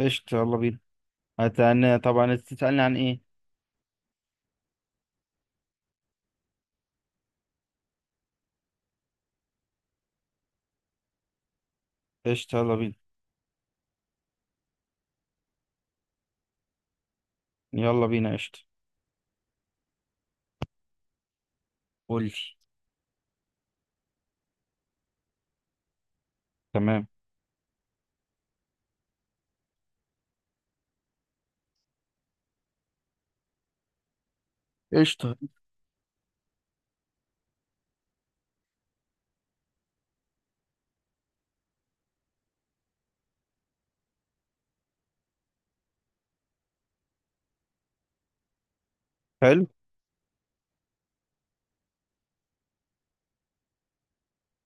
قشطة، يلا بينا. هتعني طبعا، انت تسألني عن ايه؟ قشطة يلا بينا. يلا بينا قشطة. قولي. تمام. قشطة. حلو.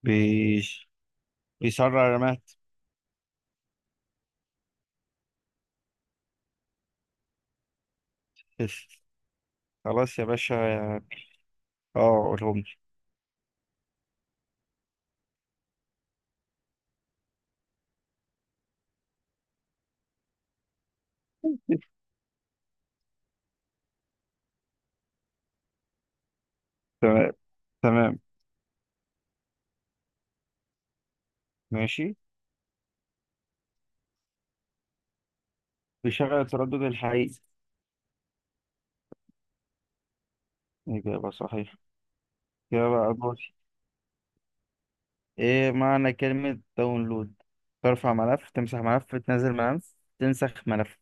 بيش بيسرع رمات. بس. خلاص يا باشا، اه قولهم لي. تمام. تمام. ماشي، بيشغل التردد الحقيقي. إجابة صحيحة. إجابة أدوار. إيه معنى كلمة داونلود؟ ترفع ملف، تمسح ملف، تنزل ملف، تنسخ ملف.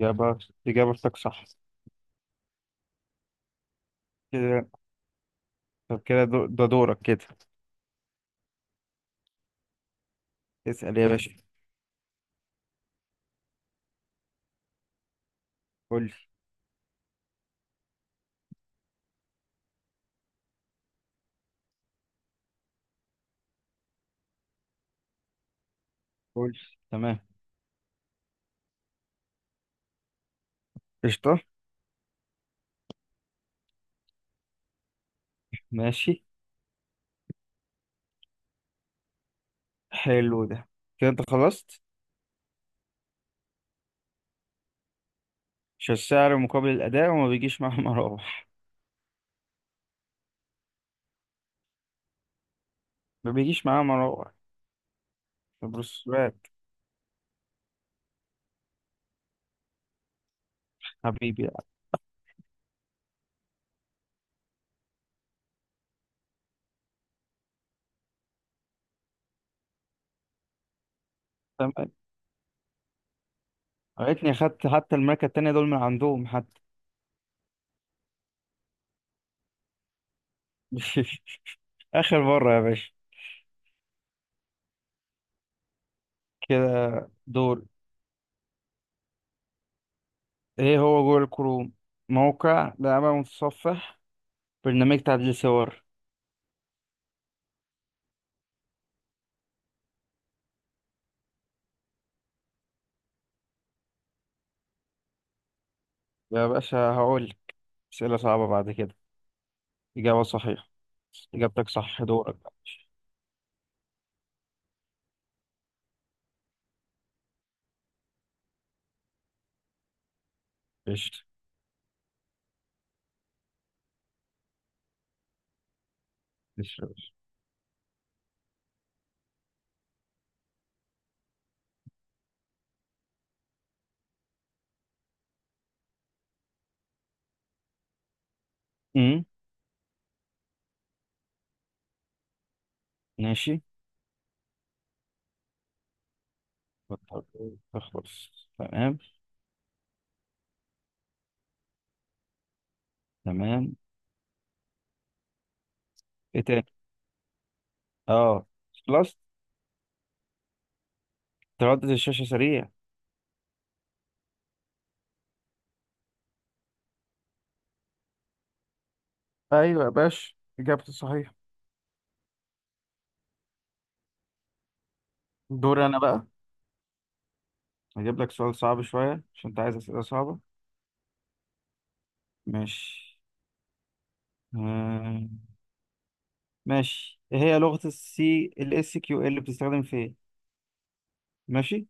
إجابة، إجابتك صح. كده طب كده ده دورك كده. اسأل يا باشا. قول لي. قول لي. تمام. قشطة. ماشي. حلو ده. كده انت خلصت؟ مش السعر مقابل الأداء وما بيجيش معاه مراوح؟ ما بيجيش معاه مراوح. بروسوات. حبيبي. تمام. عرفتني أخدت حتى الماركة التانية دول من عندهم حتى. آخر مرة يا باشا. كده. دور. ايه هو جوجل كروم؟ موقع، لعبة، متصفح، برنامج تعديل صور؟ يا باشا هقول لك أسئلة صعبة بعد كده. إجابة صحيحة. إجابتك صح، دورك بقى. قشطة. الشغل. امم. ماشي. تخلص. تمام. تمام. ايه تاني؟ اه. خلاص. تردد الشاشة سريع. ايوه يا باشا، اجابتي صحيحه. دوري انا بقى. هجيب لك سؤال صعب شويه عشان انت عايز اسئله صعبه. ماشي. آه، ماشي، ايه هي لغه السي الاس كيو ال؟ اللي بتستخدم في ايه؟ ماشي.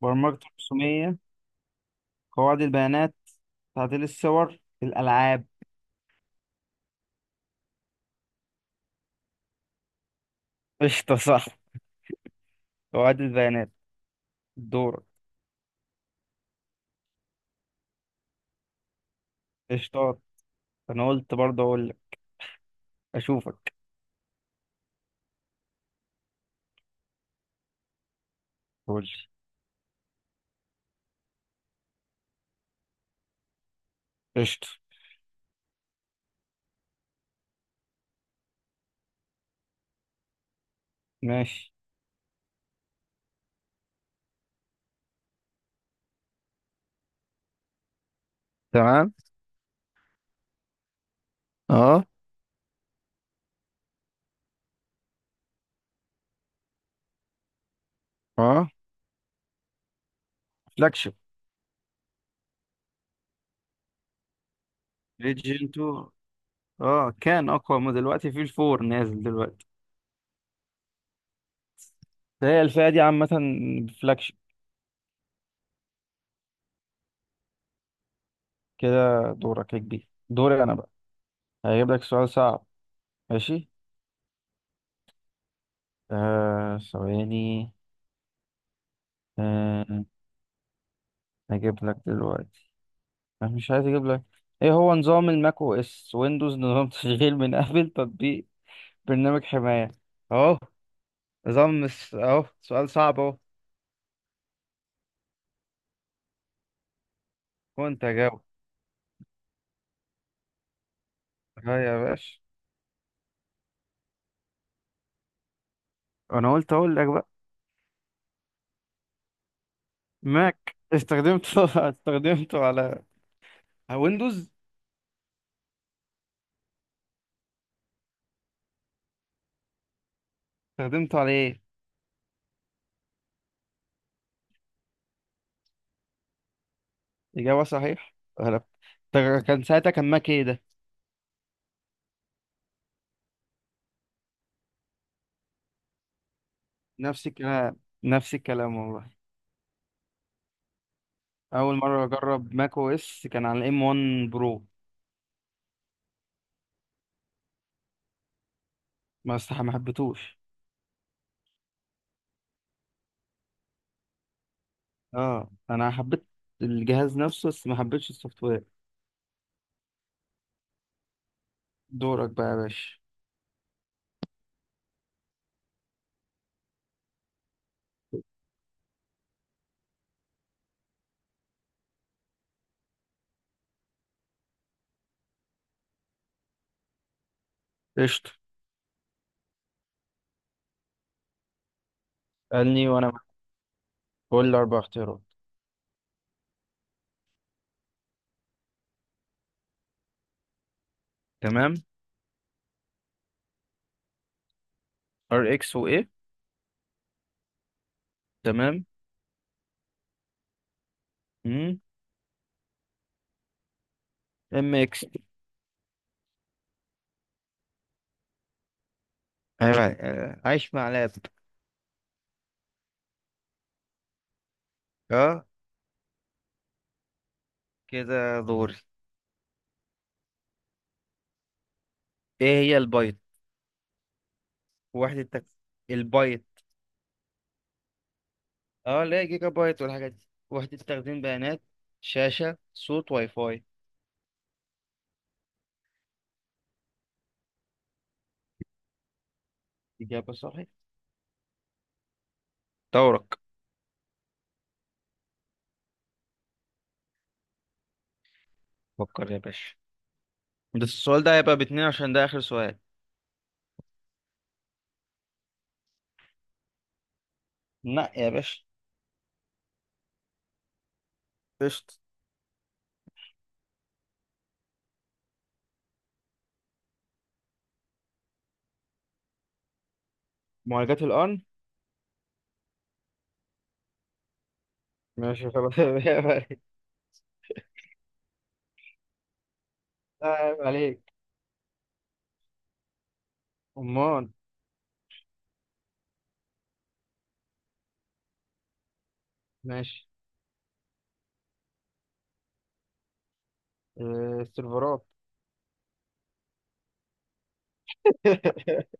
برمجه رسوميه، قواعد البيانات، تعديل الصور، الالعاب؟ قشطة، صح، قواعد البيانات. دورك. قشطات. انا قلت برضه اقول لك. اشوفك. قول لي. قشطه. ماشي. تمام. اه. اه. فلاجشيب. ليجن 2. اه، كان اقوى من دلوقتي، في الفور نازل دلوقتي. فهي الفئه دي عامه فلاجشيب. كده. دورك يا كبير. دوري انا بقى. هجيب لك سؤال صعب. ماشي. آه، ثواني. آه. هجيب لك دلوقتي. انا مش عايز اجيب لك. ايه هو نظام الماك او اس ويندوز؟ نظام تشغيل من ابل، تطبيق، برنامج حماية؟ اهو، اهو سؤال صعب. كنت اجاوب. ها يا باشا، انا قلت اقول لك بقى. ماك استخدمته استخدمته على ويندوز. استخدمته على ايه؟ اجابه صحيح. غلط. طب كان ساعتها كان ماك ايه ده؟ نفس الكلام. نفس الكلام والله. اول مره اجرب ماك او اس كان على الام 1 برو. ما حبيتهوش. اه، انا حبيت الجهاز نفسه بس ما حبيتش السوفت وير. دورك بقى يا باشا. قشطه. قالني وانا بقول لي اربع اختيارات. تمام. ار اكس وايه؟ تمام. ام اكس. ايوه. عايش مع لاب. اه. كده دوري. ايه هي البايت؟ وحدة تك... البايت اه، لا جيجا بايت والحاجات دي، وحدة تخزين بيانات؟ شاشة، صوت، واي فاي؟ إجابة صحيح. دورك. فكر يا باشا. ده السؤال ده هيبقى باتنين عشان ده آخر سؤال. لا يا باشا. قشطة. معالجات الآن. ماشي خلاص. عيب عليك. عيب عليك. أمال. ماشي. آه، السيرفرات.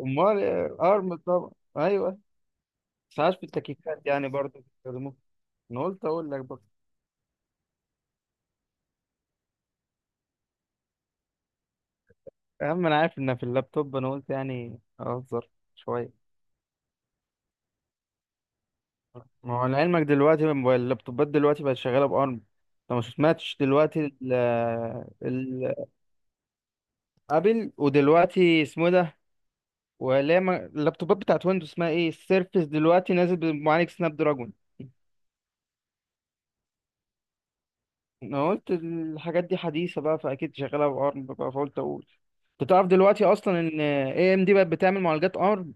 أمال آه، أرم طبعا. أيوه. ساعات في التكييفات يعني برضه بيستخدموه. انا قلت اقول لك برضه. يا عم انا عارف ان في اللابتوب، انا قلت يعني اهزر شويه. ما هو لعلمك دلوقتي اللابتوبات دلوقتي بقت شغاله بارم، انت ما سمعتش دلوقتي ال- ابل؟ ودلوقتي اسمه إيه ده؟ ولا ما- اللابتوبات بتاعت ويندوز اسمها ايه السيرفس، دلوقتي نازل بمعالج سناب دراجون. انا قلت الحاجات دي حديثه بقى فاكيد شغاله بارم بقى، فقلت اقول. انت تعرف دلوقتي اصلا ان اي ام دي بقت بتعمل معالجات ARM؟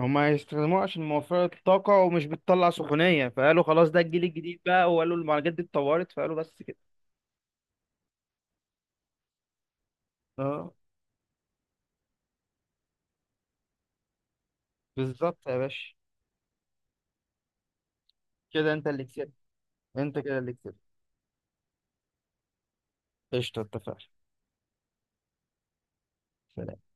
هما يستخدموها عشان موفرة الطاقة ومش بتطلع سخونية، فقالوا خلاص ده الجيل الجديد بقى، وقالوا المعالجات دي اتطورت، فقالوا بس كده. اه بالظبط يا باشا. كده انت اللي كسبت. انت كده اللي كسبت. قشطة، اتفقنا. سلام.